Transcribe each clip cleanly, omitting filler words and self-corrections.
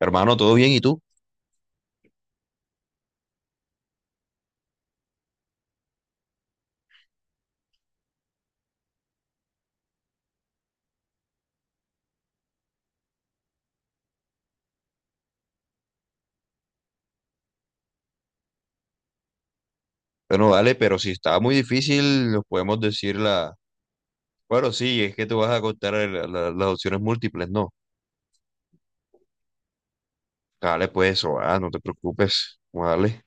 Hermano, ¿todo bien? ¿Y tú? Bueno, vale, pero si está muy difícil, nos podemos decir la. Bueno, sí, es que tú vas a contar las opciones múltiples, ¿no? Dale, pues eso, ah, no te preocupes, vale.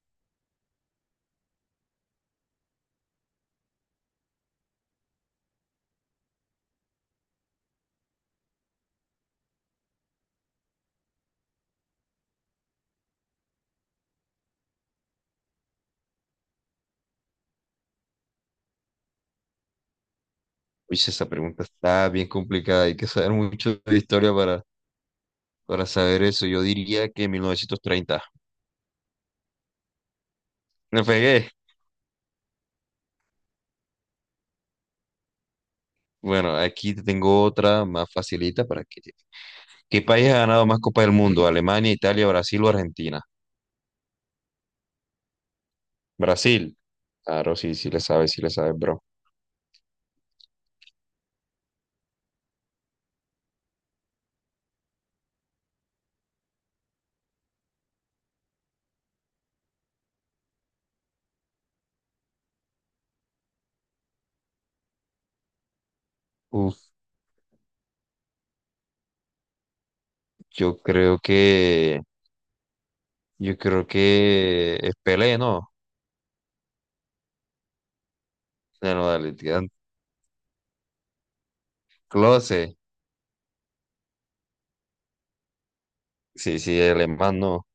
Uy, esa pregunta está bien complicada, hay que saber mucho de historia para saber eso. Yo diría que 1930. Me pegué. Bueno, aquí te tengo otra más facilita para que. ¿Qué país ha ganado más Copas del Mundo? ¿Alemania, Italia, Brasil o Argentina? Brasil. Claro, sí, sí le sabes, bro. Uf, yo creo que, yo creo que es Pelé, ¿no? La modalidad. Klose. Sí, sí, el alemán, no.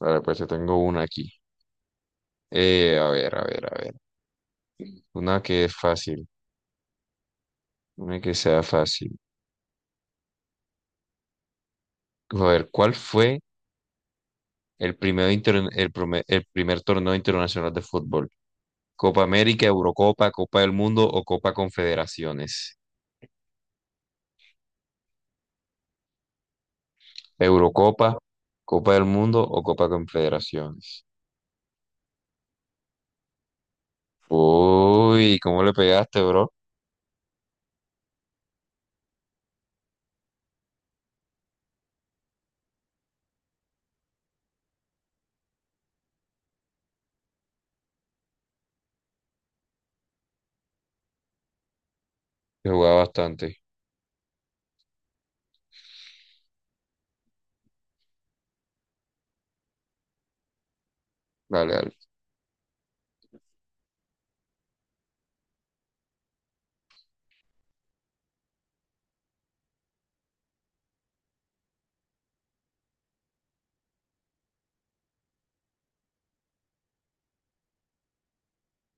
Vale, pues yo tengo una aquí. A ver, a ver, a ver. Una que es fácil, una que sea fácil. A ver, ¿cuál fue el primer torneo internacional de fútbol? ¿Copa América, Eurocopa, Copa del Mundo o Copa Confederaciones? Eurocopa, Copa del Mundo o Copa Confederaciones. Uy, ¿cómo le pegaste, bro? Que jugaba bastante. Vale, vale.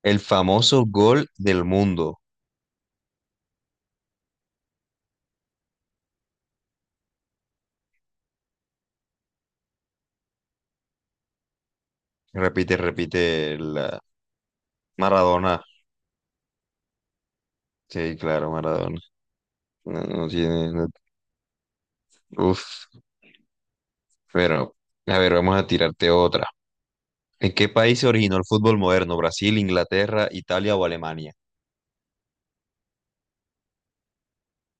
El famoso gol del mundo. Repite, repite la. Maradona. Sí, claro, Maradona. No, no tiene. Uf. Pero, a ver, vamos a tirarte otra. ¿En qué país se originó el fútbol moderno? ¿Brasil, Inglaterra, Italia o Alemania?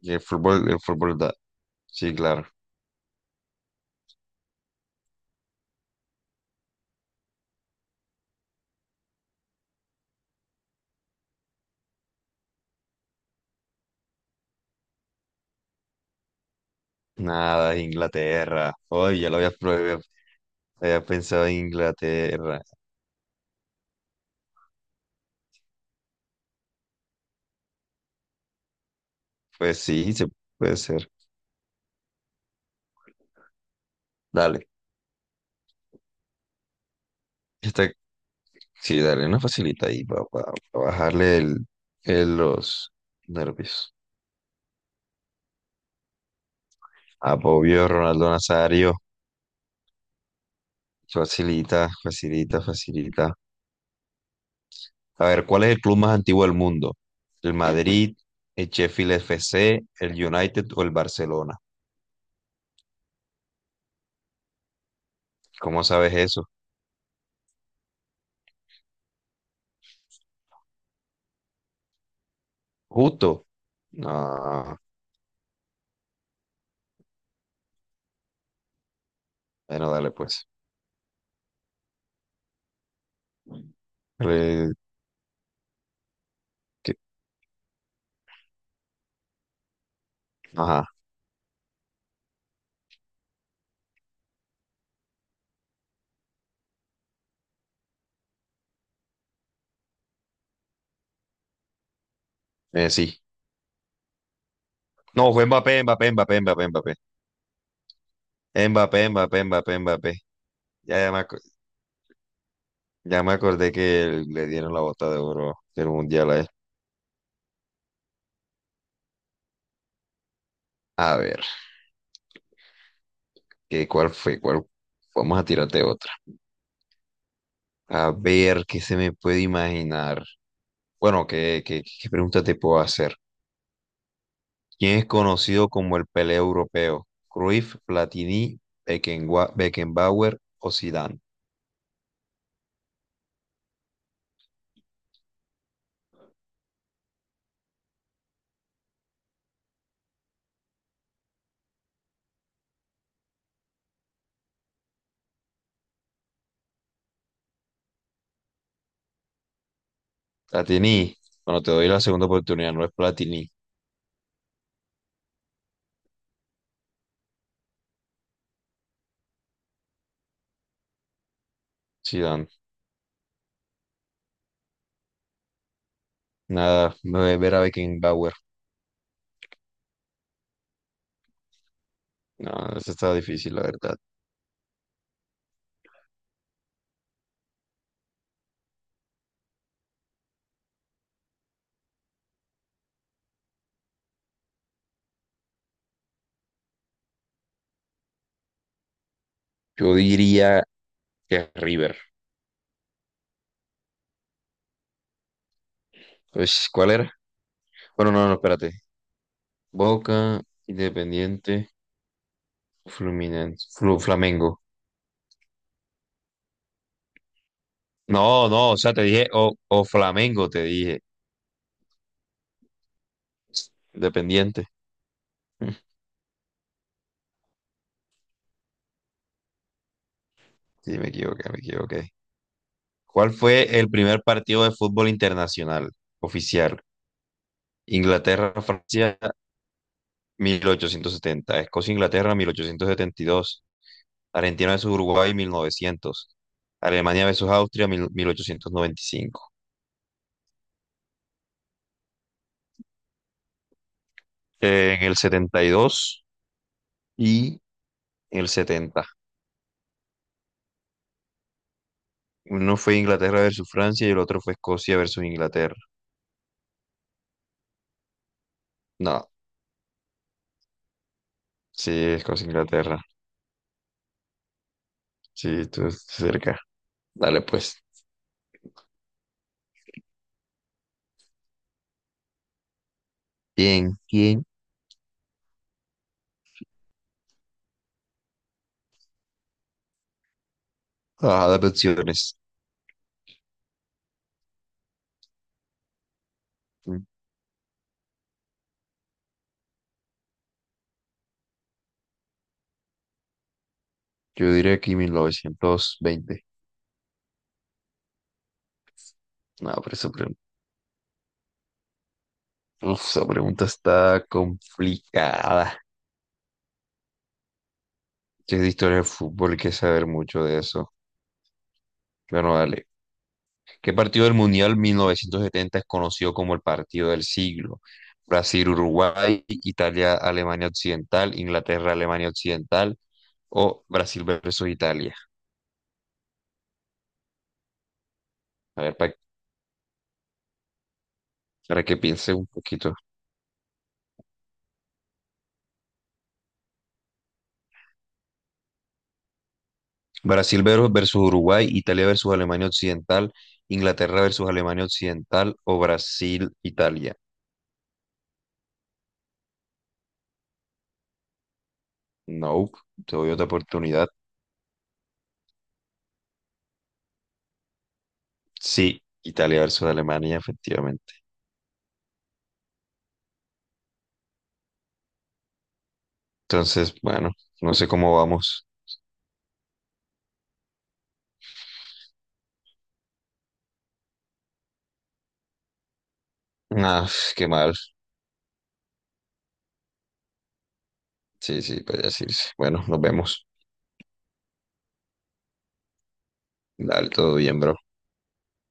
Y el fútbol da. Sí, claro. Nada, es Inglaterra. Hoy ya lo había pensado en Inglaterra. Pues sí, se puede ser. Dale. Esta, sí, dale una facilita ahí para bajarle los nervios. Apobio, Ronaldo Nazario. Facilita, facilita, facilita. A ver, ¿cuál es el club más antiguo del mundo? ¿El Madrid, el Sheffield FC el United o el Barcelona? ¿Cómo sabes eso? Justo. No. Bueno, dale pues. Re- que- Ajá, sí. No, fue Mbappé, Mbappé, Mbappé, Mbappé, Mbappé. Mbappé, Mbappé, Mbappé, Mbappé. Ya, ya me acordé que le dieron la bota de oro del mundial a él. A ver, ¿Cuál fue? ¿Cuál? Vamos a tirarte otra. A ver, ¿qué se me puede imaginar? Bueno, ¿qué pregunta te puedo hacer? ¿Quién es conocido como el Pelé europeo? ¿Cruyff, Platini, Beckenbauer o Zidane? Platini, bueno, te doy la segunda oportunidad, no es Platini. Sí, Dan. Nada, ver a Beckenbauer. No, eso está difícil, la verdad. Yo diría que River. Pues, ¿cuál era? Bueno, no, no, espérate. Boca, Independiente, Fluminense, Flamengo. No, no, o sea, te dije, o Flamengo, te dije. Independiente. Mm, Sí, me equivoqué, me equivoqué. ¿Cuál fue el primer partido de fútbol internacional oficial? Inglaterra, Francia 1870, Escocia-Inglaterra 1872, Argentina versus Uruguay 1900, Alemania versus Austria 1895. En el 70 y dos y en el setenta. Uno fue Inglaterra versus Francia y el otro fue Escocia versus Inglaterra. No, sí, Escocia-Inglaterra. Sí, tú estás cerca. Dale pues. Bien, bien. Ah, las opciones. Yo diría aquí 1920. No, por eso. Uf, esa pregunta está complicada. Si es de historia del fútbol, hay que saber mucho de eso. Bueno, dale. ¿Qué partido del Mundial 1970 es conocido como el partido del siglo? Brasil, Uruguay, Italia, Alemania Occidental, Inglaterra, Alemania Occidental o Brasil versus Italia. A ver, para, que piense un poquito. Brasil versus Uruguay, Italia versus Alemania Occidental, Inglaterra versus Alemania Occidental o Brasil, Italia. No, te doy otra oportunidad. Sí, Italia versus Alemania, efectivamente. Entonces, bueno, no sé cómo vamos. Ah, qué mal. Sí, sí, podría decirse. Bueno, nos vemos. Dale, todo bien, bro.